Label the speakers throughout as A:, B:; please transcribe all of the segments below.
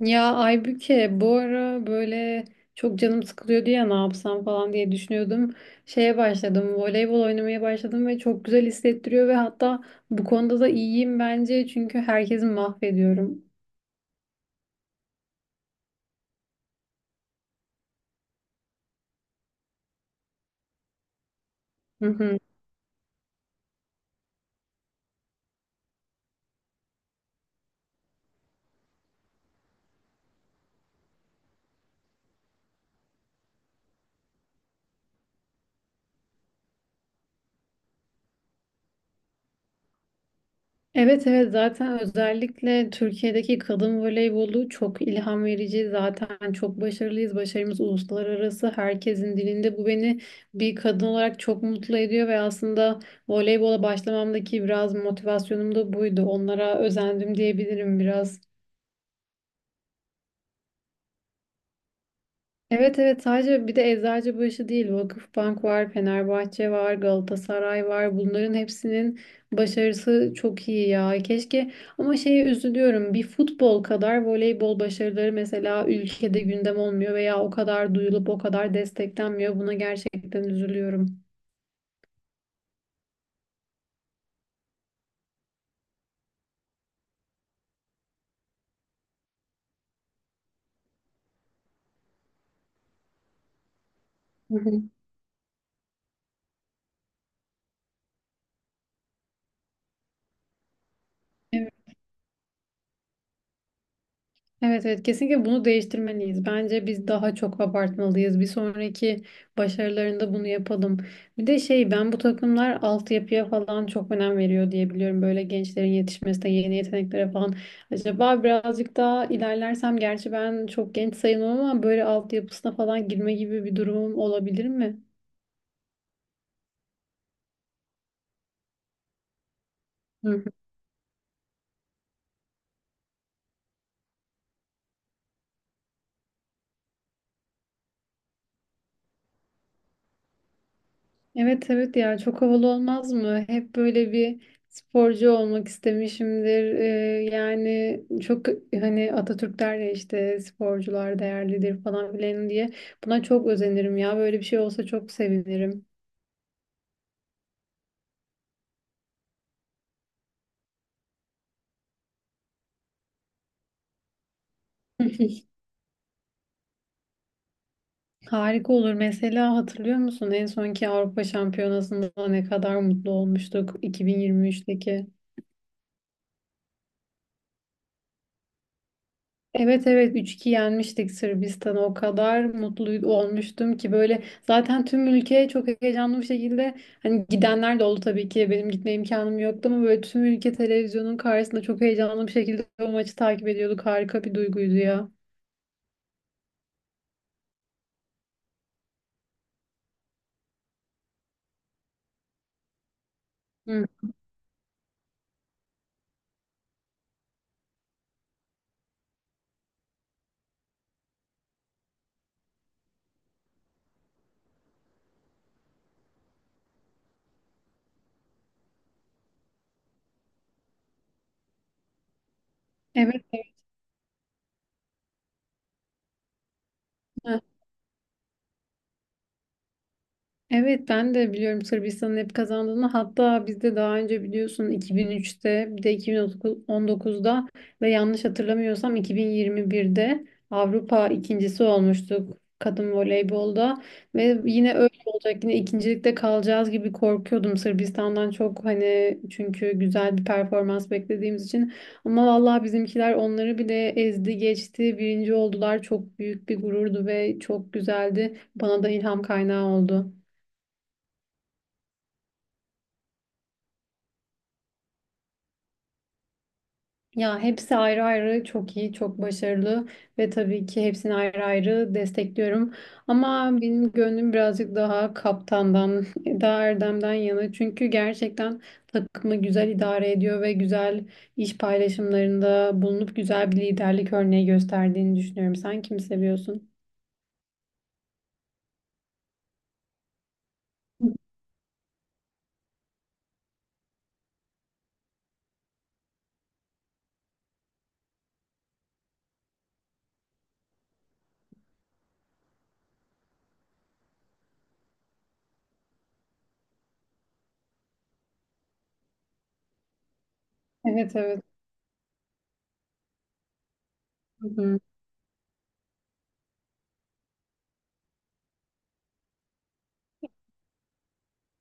A: Ya Aybüke bu ara böyle çok canım sıkılıyor diye ne yapsam falan diye düşünüyordum. Şeye başladım, voleybol oynamaya başladım ve çok güzel hissettiriyor ve hatta bu konuda da iyiyim bence çünkü herkesi mahvediyorum. Evet evet, zaten özellikle Türkiye'deki kadın voleybolu çok ilham verici. Zaten çok başarılıyız. Başarımız uluslararası herkesin dilinde. Bu beni bir kadın olarak çok mutlu ediyor ve aslında voleybola başlamamdaki biraz motivasyonum da buydu. Onlara özendim diyebilirim biraz. Evet evet, sadece bir de Eczacıbaşı değil, Vakıfbank var, Fenerbahçe var, Galatasaray var. Bunların hepsinin başarısı çok iyi ya. Keşke, ama şeye üzülüyorum. Bir futbol kadar voleybol başarıları mesela ülkede gündem olmuyor veya o kadar duyulup o kadar desteklenmiyor. Buna gerçekten üzülüyorum. Hı hı. Evet. Evet evet, kesinlikle bunu değiştirmeliyiz. Bence biz daha çok abartmalıyız. Bir sonraki başarılarında bunu yapalım. Bir de şey, ben bu takımlar altyapıya falan çok önem veriyor diye biliyorum. Böyle gençlerin yetişmesine, yeni yeteneklere falan. Acaba birazcık daha ilerlersem, gerçi ben çok genç sayılmam, ama böyle altyapısına falan girme gibi bir durumum olabilir mi? Evet evet, ya çok havalı olmaz mı? Hep böyle bir sporcu olmak istemişimdir. Yani çok hani Atatürk der ya, işte sporcular değerlidir falan filan diye. Buna çok özenirim ya. Böyle bir şey olsa çok sevinirim. Harika olur. Mesela hatırlıyor musun en sonki Avrupa Şampiyonası'nda ne kadar mutlu olmuştuk 2023'teki? Evet evet, 3-2 yenmiştik Sırbistan'ı, o kadar mutlu olmuştum ki, böyle zaten tüm ülke çok heyecanlı bir şekilde, hani gidenler de oldu tabii ki, benim gitme imkanım yoktu, ama böyle tüm ülke televizyonun karşısında çok heyecanlı bir şekilde o maçı takip ediyorduk. Harika bir duyguydu ya. Hı. Evet. Evet. Evet, ben de biliyorum Sırbistan'ın hep kazandığını. Hatta biz de daha önce biliyorsun, 2003'te, bir de 2019'da ve yanlış hatırlamıyorsam 2021'de Avrupa ikincisi olmuştuk kadın voleybolda ve yine öyle olacak, yine ikincilikte kalacağız gibi korkuyordum Sırbistan'dan çok, hani çünkü güzel bir performans beklediğimiz için. Ama vallahi bizimkiler onları bile ezdi geçti, birinci oldular. Çok büyük bir gururdu ve çok güzeldi, bana da ilham kaynağı oldu. Ya hepsi ayrı ayrı çok iyi, çok başarılı ve tabii ki hepsini ayrı ayrı destekliyorum. Ama benim gönlüm birazcık daha kaptandan, daha Erdem'den yana. Çünkü gerçekten takımı güzel idare ediyor ve güzel iş paylaşımlarında bulunup güzel bir liderlik örneği gösterdiğini düşünüyorum. Sen kimi seviyorsun? Evet evet. Hı hı.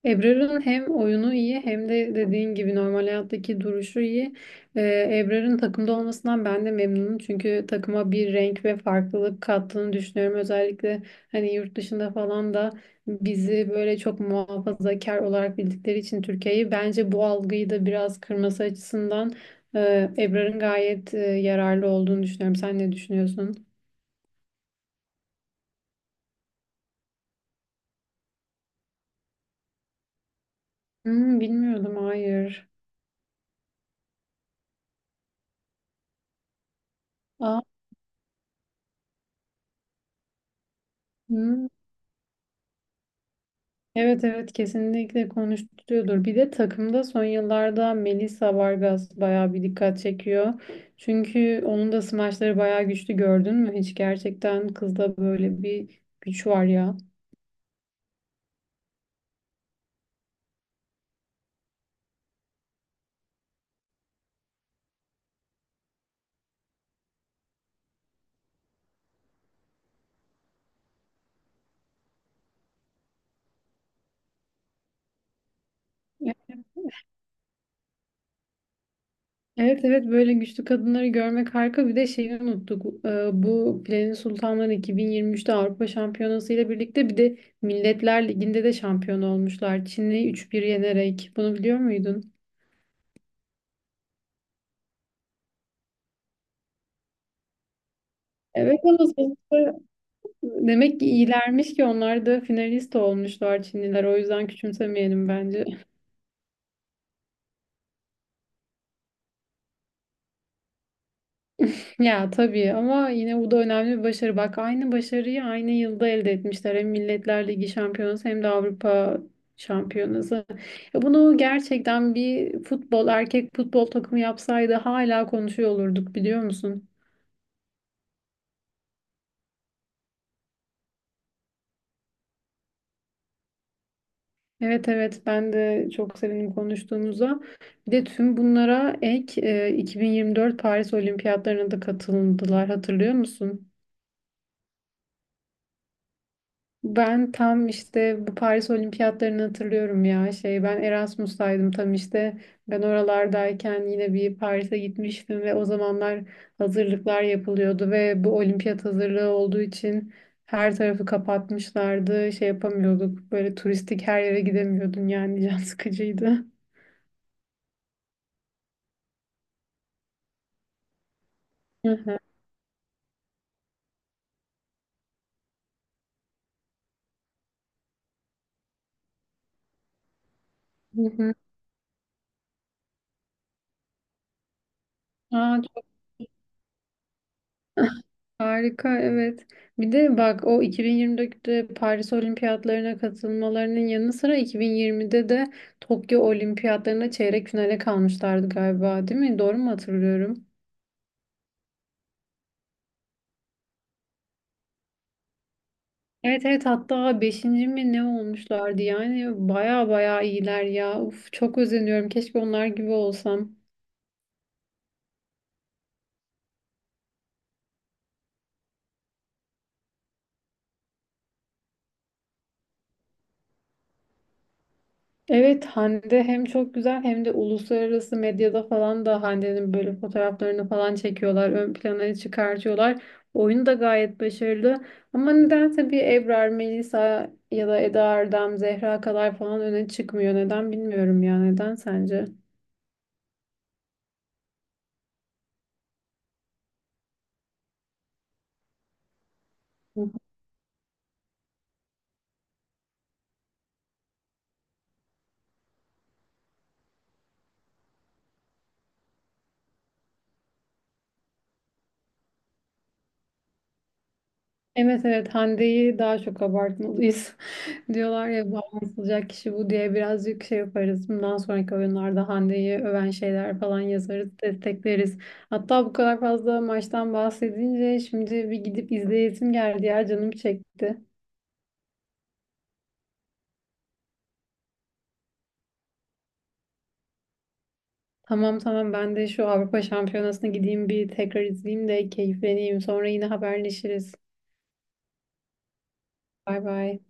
A: Ebrar'ın hem oyunu iyi, hem de dediğin gibi normal hayattaki duruşu iyi. Ebrar'ın takımda olmasından ben de memnunum. Çünkü takıma bir renk ve farklılık kattığını düşünüyorum. Özellikle hani yurt dışında falan da bizi böyle çok muhafazakar olarak bildikleri için, Türkiye'yi, bence bu algıyı da biraz kırması açısından Ebrar'ın gayet yararlı olduğunu düşünüyorum. Sen ne düşünüyorsun? Hmm, bilmiyordum, hayır. Aa, hmm. Evet evet, kesinlikle konuşturuyordur. Bir de takımda son yıllarda Melissa Vargas bayağı bir dikkat çekiyor. Çünkü onun da smaçları bayağı güçlü, gördün mü? Hiç, gerçekten kızda böyle bir güç var ya. Evet evet, böyle güçlü kadınları görmek harika. Bir de şeyi unuttuk. Bu Planin Sultanları 2023'te Avrupa Şampiyonası ile birlikte bir de Milletler Ligi'nde de şampiyon olmuşlar. Çin'i 3-1 yenerek. Bunu biliyor muydun? Evet, ama sonuçta demek ki iyilermiş ki onlar da finalist olmuşlar, Çinliler. O yüzden küçümsemeyelim bence. Ya tabii, ama yine bu da önemli bir başarı. Bak, aynı başarıyı aynı yılda elde etmişler. Hem Milletler Ligi şampiyonası hem de Avrupa şampiyonası. Ya bunu gerçekten bir futbol, erkek futbol takımı yapsaydı hala konuşuyor olurduk, biliyor musun? Evet evet, ben de çok sevindim konuştuğumuza. Bir de tüm bunlara ek 2024 Paris Olimpiyatlarına da katıldılar, hatırlıyor musun? Ben tam işte bu Paris Olimpiyatlarını hatırlıyorum ya, şey, ben Erasmus'taydım tam işte, ben oralardayken yine bir Paris'e gitmiştim ve o zamanlar hazırlıklar yapılıyordu ve bu olimpiyat hazırlığı olduğu için her tarafı kapatmışlardı, şey yapamıyorduk, böyle turistik her yere gidemiyordun, yani can sıkıcıydı. Hı hı. Hı hı. Aa, çok harika, evet. Bir de bak, o 2024'te Paris Olimpiyatlarına katılmalarının yanı sıra 2020'de de Tokyo Olimpiyatlarına çeyrek finale kalmışlardı galiba, değil mi? Doğru mu hatırlıyorum? Evet evet, hatta beşinci mi ne olmuşlardı, yani baya baya iyiler ya. Uf, çok özeniyorum, keşke onlar gibi olsam. Evet, Hande hem çok güzel hem de uluslararası medyada falan da Hande'nin böyle fotoğraflarını falan çekiyorlar. Ön plana çıkartıyorlar. Oyunu da gayet başarılı. Ama nedense bir Ebrar, Melisa ya da Eda Erdem, Zehra kadar falan öne çıkmıyor. Neden bilmiyorum ya. Neden sence? Evet evet, Hande'yi daha çok abartmalıyız. Diyorlar ya, bağlanılacak kişi bu diye birazcık şey yaparız. Bundan sonraki oyunlarda Hande'yi öven şeyler falan yazarız, destekleriz. Hatta bu kadar fazla maçtan bahsedince şimdi bir gidip izleyesim geldi ya, canım çekti. Tamam tamam, ben de şu Avrupa Şampiyonası'na gideyim bir tekrar izleyeyim de keyifleneyim. Sonra yine haberleşiriz. Bay bay.